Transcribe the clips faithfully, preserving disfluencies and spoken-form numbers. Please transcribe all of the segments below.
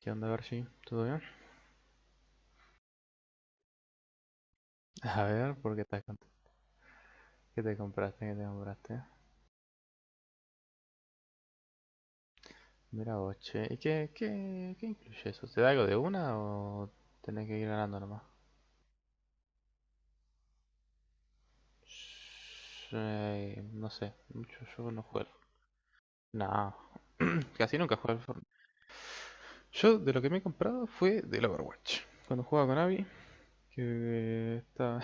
¿Qué onda, Garchi? ¿Todo bien? A ver, ¿por qué te, qué te compraste? ¿Qué te compraste? Mira vos, che. ¿Y qué, qué, qué incluye eso? ¿Te da algo de una o tenés que ir ganando nomás? Eh, no sé, mucho yo no juego. No, casi nunca juego al Fortnite. Yo de lo que me he comprado fue del Overwatch. Cuando jugaba con Abby, que está.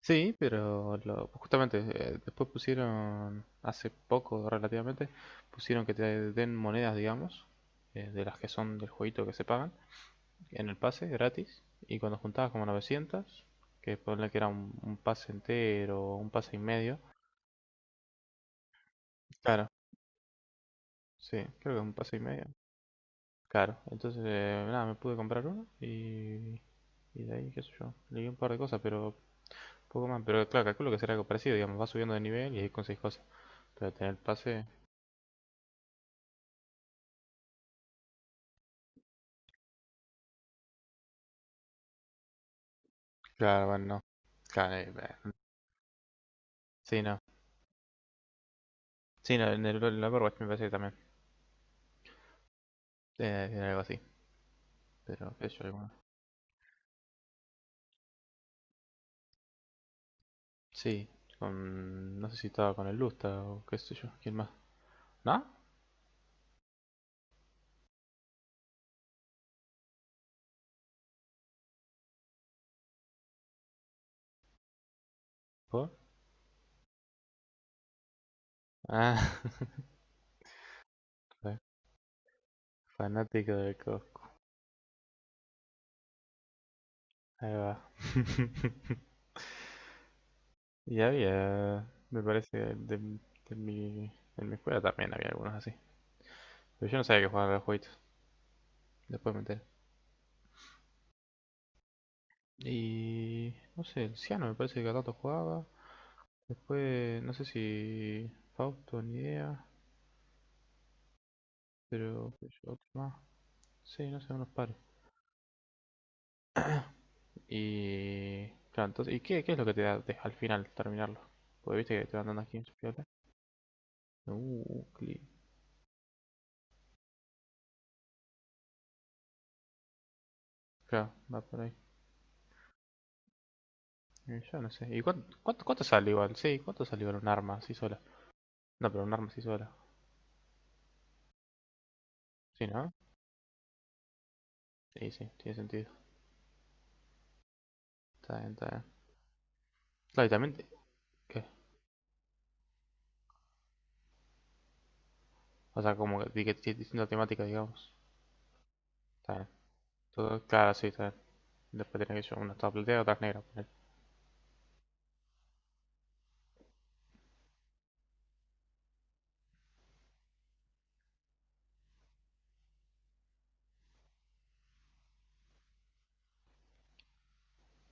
Sí, pero lo- justamente eh, después pusieron, hace poco relativamente, pusieron que te den monedas, digamos, eh, de las que son del jueguito que se pagan, en el pase, gratis, y cuando juntabas como novecientas, que ponle que era un, un pase entero, o un pase y medio, claro, sí, creo que es un pase y medio, claro, entonces, eh, nada, me pude comprar uno y, y de ahí, qué sé yo, leí un par de cosas, pero poco más, pero claro, calculo que será algo parecido, digamos, vas subiendo de nivel y ahí conseguís cosas, pero tener el pase... Claro, bueno, no. Claro, eh, bueno, sí, no. Sí, no, en el, en el Overwatch me parece que también eh, era algo así, pero qué sé yo, alguna. Sí, con, no sé si estaba con el Lusta o qué sé yo, ¿quién más? ¿No? ¿Por? Ah, fanático de Coscu. Ahí va. Y había, me parece, de, de mi, en mi escuela también había algunos así. Pero yo no sabía que jugaban a los jueguitos, después me enteré. Y no sé, el Ciano me parece que a tanto jugaba. Después, no sé si Fausto ni idea, pero yo, otro más. Sí, no sé, unos pares. Y claro, entonces, ¿y qué, qué, es lo que te da te- al final terminarlo? Porque viste que te van dando aquí en su piola. Uh, cli-. Claro, va por ahí. Y yo no sé. ¿Y cuánto, cuánto, cuánto sale igual? Sí, ¿cuánto sale igual un arma así sola? No, pero un arma así sola. Sí, ¿no? Sí, sí, tiene sentido. Está bien, está bien. Claro, y también, te- ¿qué? O sea, como que di- que tiene distinta temática, digamos. Está bien. Todo, claro, sí, está bien. Después tiene que llevar una toda plateada, otra negra.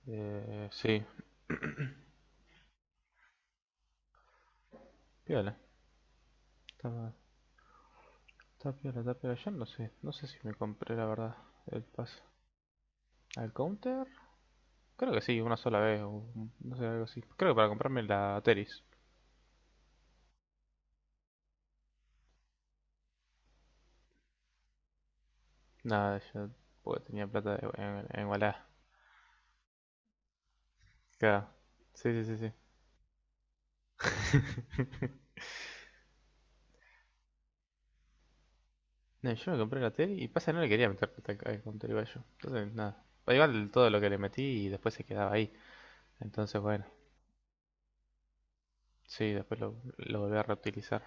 Eh, sí. Piola. Está, está piola, está piola. Yo no sé. No sé si me compré la verdad el pase. ¿Al counter? Creo que sí, una sola vez. O, no sé, algo así. Creo que para comprarme la Teris. Nada, yo porque tenía plata de- en, en Wallah. Claro. Sí, sí, sí, sí. No, yo me compré la tele y pasa no le quería meter plata al- counter igual yo. Entonces, nada. Igual todo lo que le metí y después se quedaba ahí. Entonces, bueno. Sí, después lo, lo volví a reutilizar.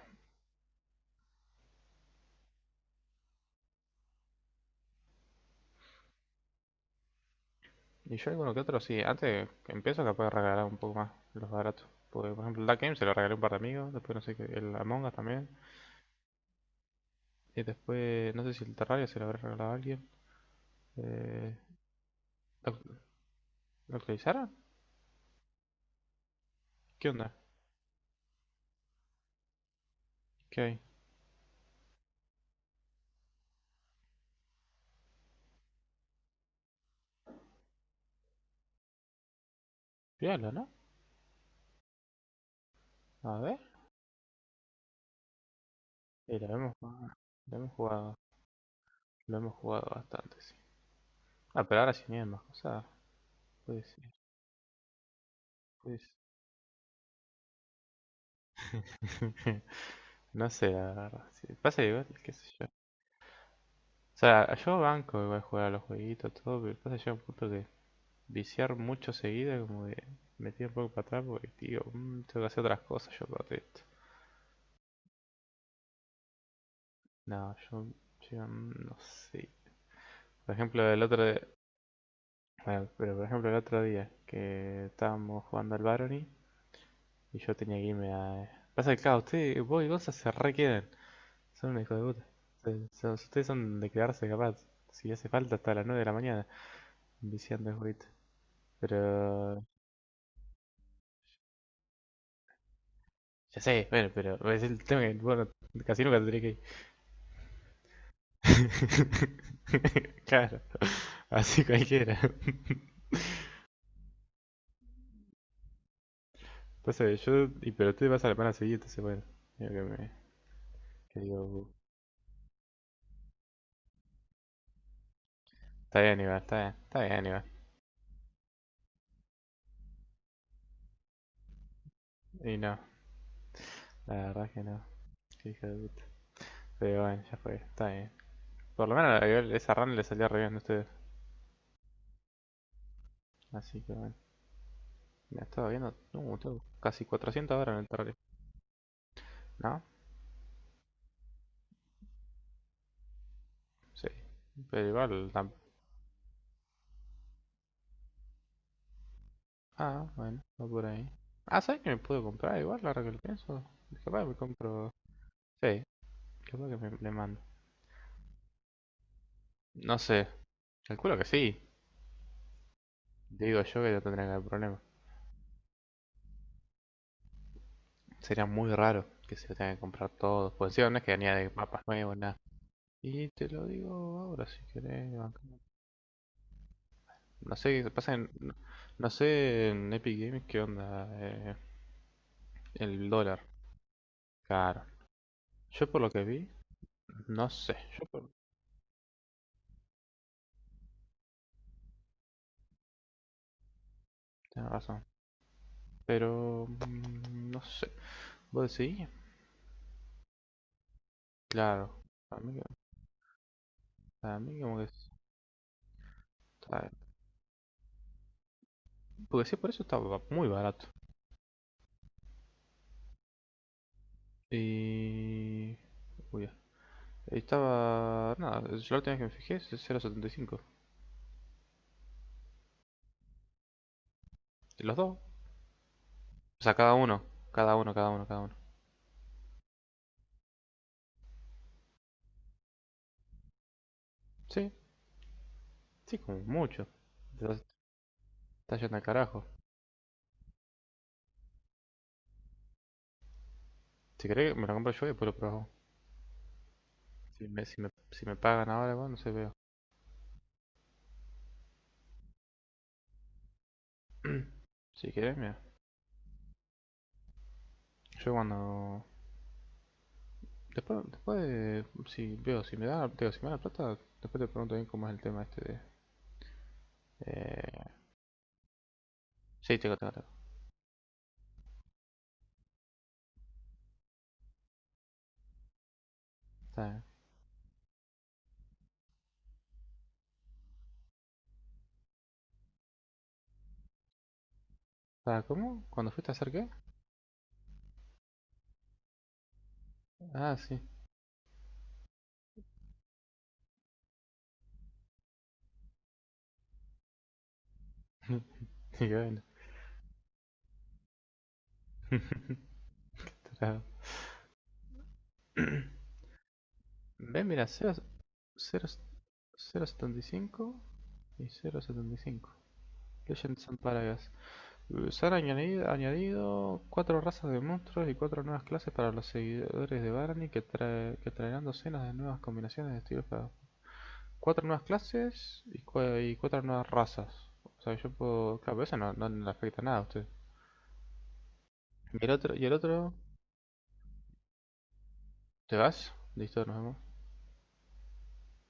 Y yo alguno que otro, sí, antes que empiezo capaz de regalar un poco más los baratos. Porque, por ejemplo, el Dark Game se lo regalé a un par de amigos, después no sé qué, el Among Us también. Y después, no sé si el Terraria se lo habrá regalado a alguien. Eh, ¿lo, lo actualizaron? ¿Qué onda? ¿Qué hay? Fíjalo, ¿no? A ver. Y lo hemos, lo hemos jugado, lo hemos jugado bastante, sí. Ah, pero ahora sí vienen más cosas. Puede ser, puede ser. No sé, la verdad. Sí. Pasa igual, qué sé yo. O sea, yo banco igual jugar a los jueguitos, todo, pero pasa que llega un punto que viciar mucho seguido, como de me tiro un poco para atrás porque, tío, mm, tengo que hacer otras cosas yo aparte esto. No, yo, yo, mm, no sé. Por ejemplo, el otro de- Bueno, pero por ejemplo el otro día que estábamos jugando al Barony y yo tenía que irme a... Pasa que, claro, ustedes, vos y Gonza se re quedan. Son unos hijos de puta. Son- ustedes son de quedarse capaz. Si hace falta hasta las nueve de la mañana viciando el jueguito. Pero... Ya sé, bueno, pero es el tema que, bueno, casi nunca tendría que ir. Claro, así cualquiera. Entonces, yo. Y pero tú vas a la pana seguida, entonces, bueno. Digo que me. Que digo, "Uh, está bien, Iván, está bien, está bien, Iván." Y no, la verdad que no. Qué hija de puta. Pero bueno, ya fue, está bien. Por lo menos esa run le salía re bien a ustedes. Así que bueno. Me estaba viendo. No, tengo casi cuatrocientas horas en el torneo. ¿No? Sí. Pero igual. Ah, bueno, va por ahí. Ah, ¿sabes que me puedo comprar igual ahora que lo pienso? Capaz me compro. Sí, ¿qué es lo que me- le mando? No sé, calculo que sí. Digo yo que no tendría que haber problema. Sería muy raro que se lo tenga que comprar todo. Pues sí, no es que venía de papas nuevos, nada. Y te lo digo ahora si querés. No sé qué pasa en. No, no sé en Epic Games qué onda, eh, el dólar. Claro. Yo por lo que vi, no sé. Yo por. Tienes razón. Pero, mm, no sé. ¿Vos decís? Claro. Para mí, que- para mí como que. Es- está-. Porque si por eso está muy barato. Y. Uy, ya. Ahí estaba. Nada, yo la última vez que me fijé es cero punto setenta y cinco. De los dos. O sea, cada uno. Cada uno, cada uno, cada uno. Sí, sí, como mucho. Está yendo al carajo. Si querés, me lo compro yo y después lo probamos. Si me, si me, si me pagan ahora, bueno, no sé, veo. Si querés, mira. Yo cuando. Después, después de- si veo, si me da, digo, si me da la plata, después te pregunto bien cómo es el tema este de. Eh... Sí, tengo, tengo, tengo. Está bien. Ah, ¿cómo? ¿Cuándo fuiste a hacer qué? Ah, sí. y bueno. Tra- Ve, mira, cero punto setenta y cero punto setenta y cinco. Legends and Paradise. Eh, Se han añadido, añadido cuatro razas de monstruos y cuatro nuevas clases para los seguidores de Barney que, trae- que traerán docenas de nuevas combinaciones de estilos para... Cuatro nuevas clases y, cua- y cuatro nuevas razas. O sea, yo puedo... Claro, pero eso no, no no le afecta nada a usted. Y el otro, y el otro ¿te vas? Listo, nos vemos.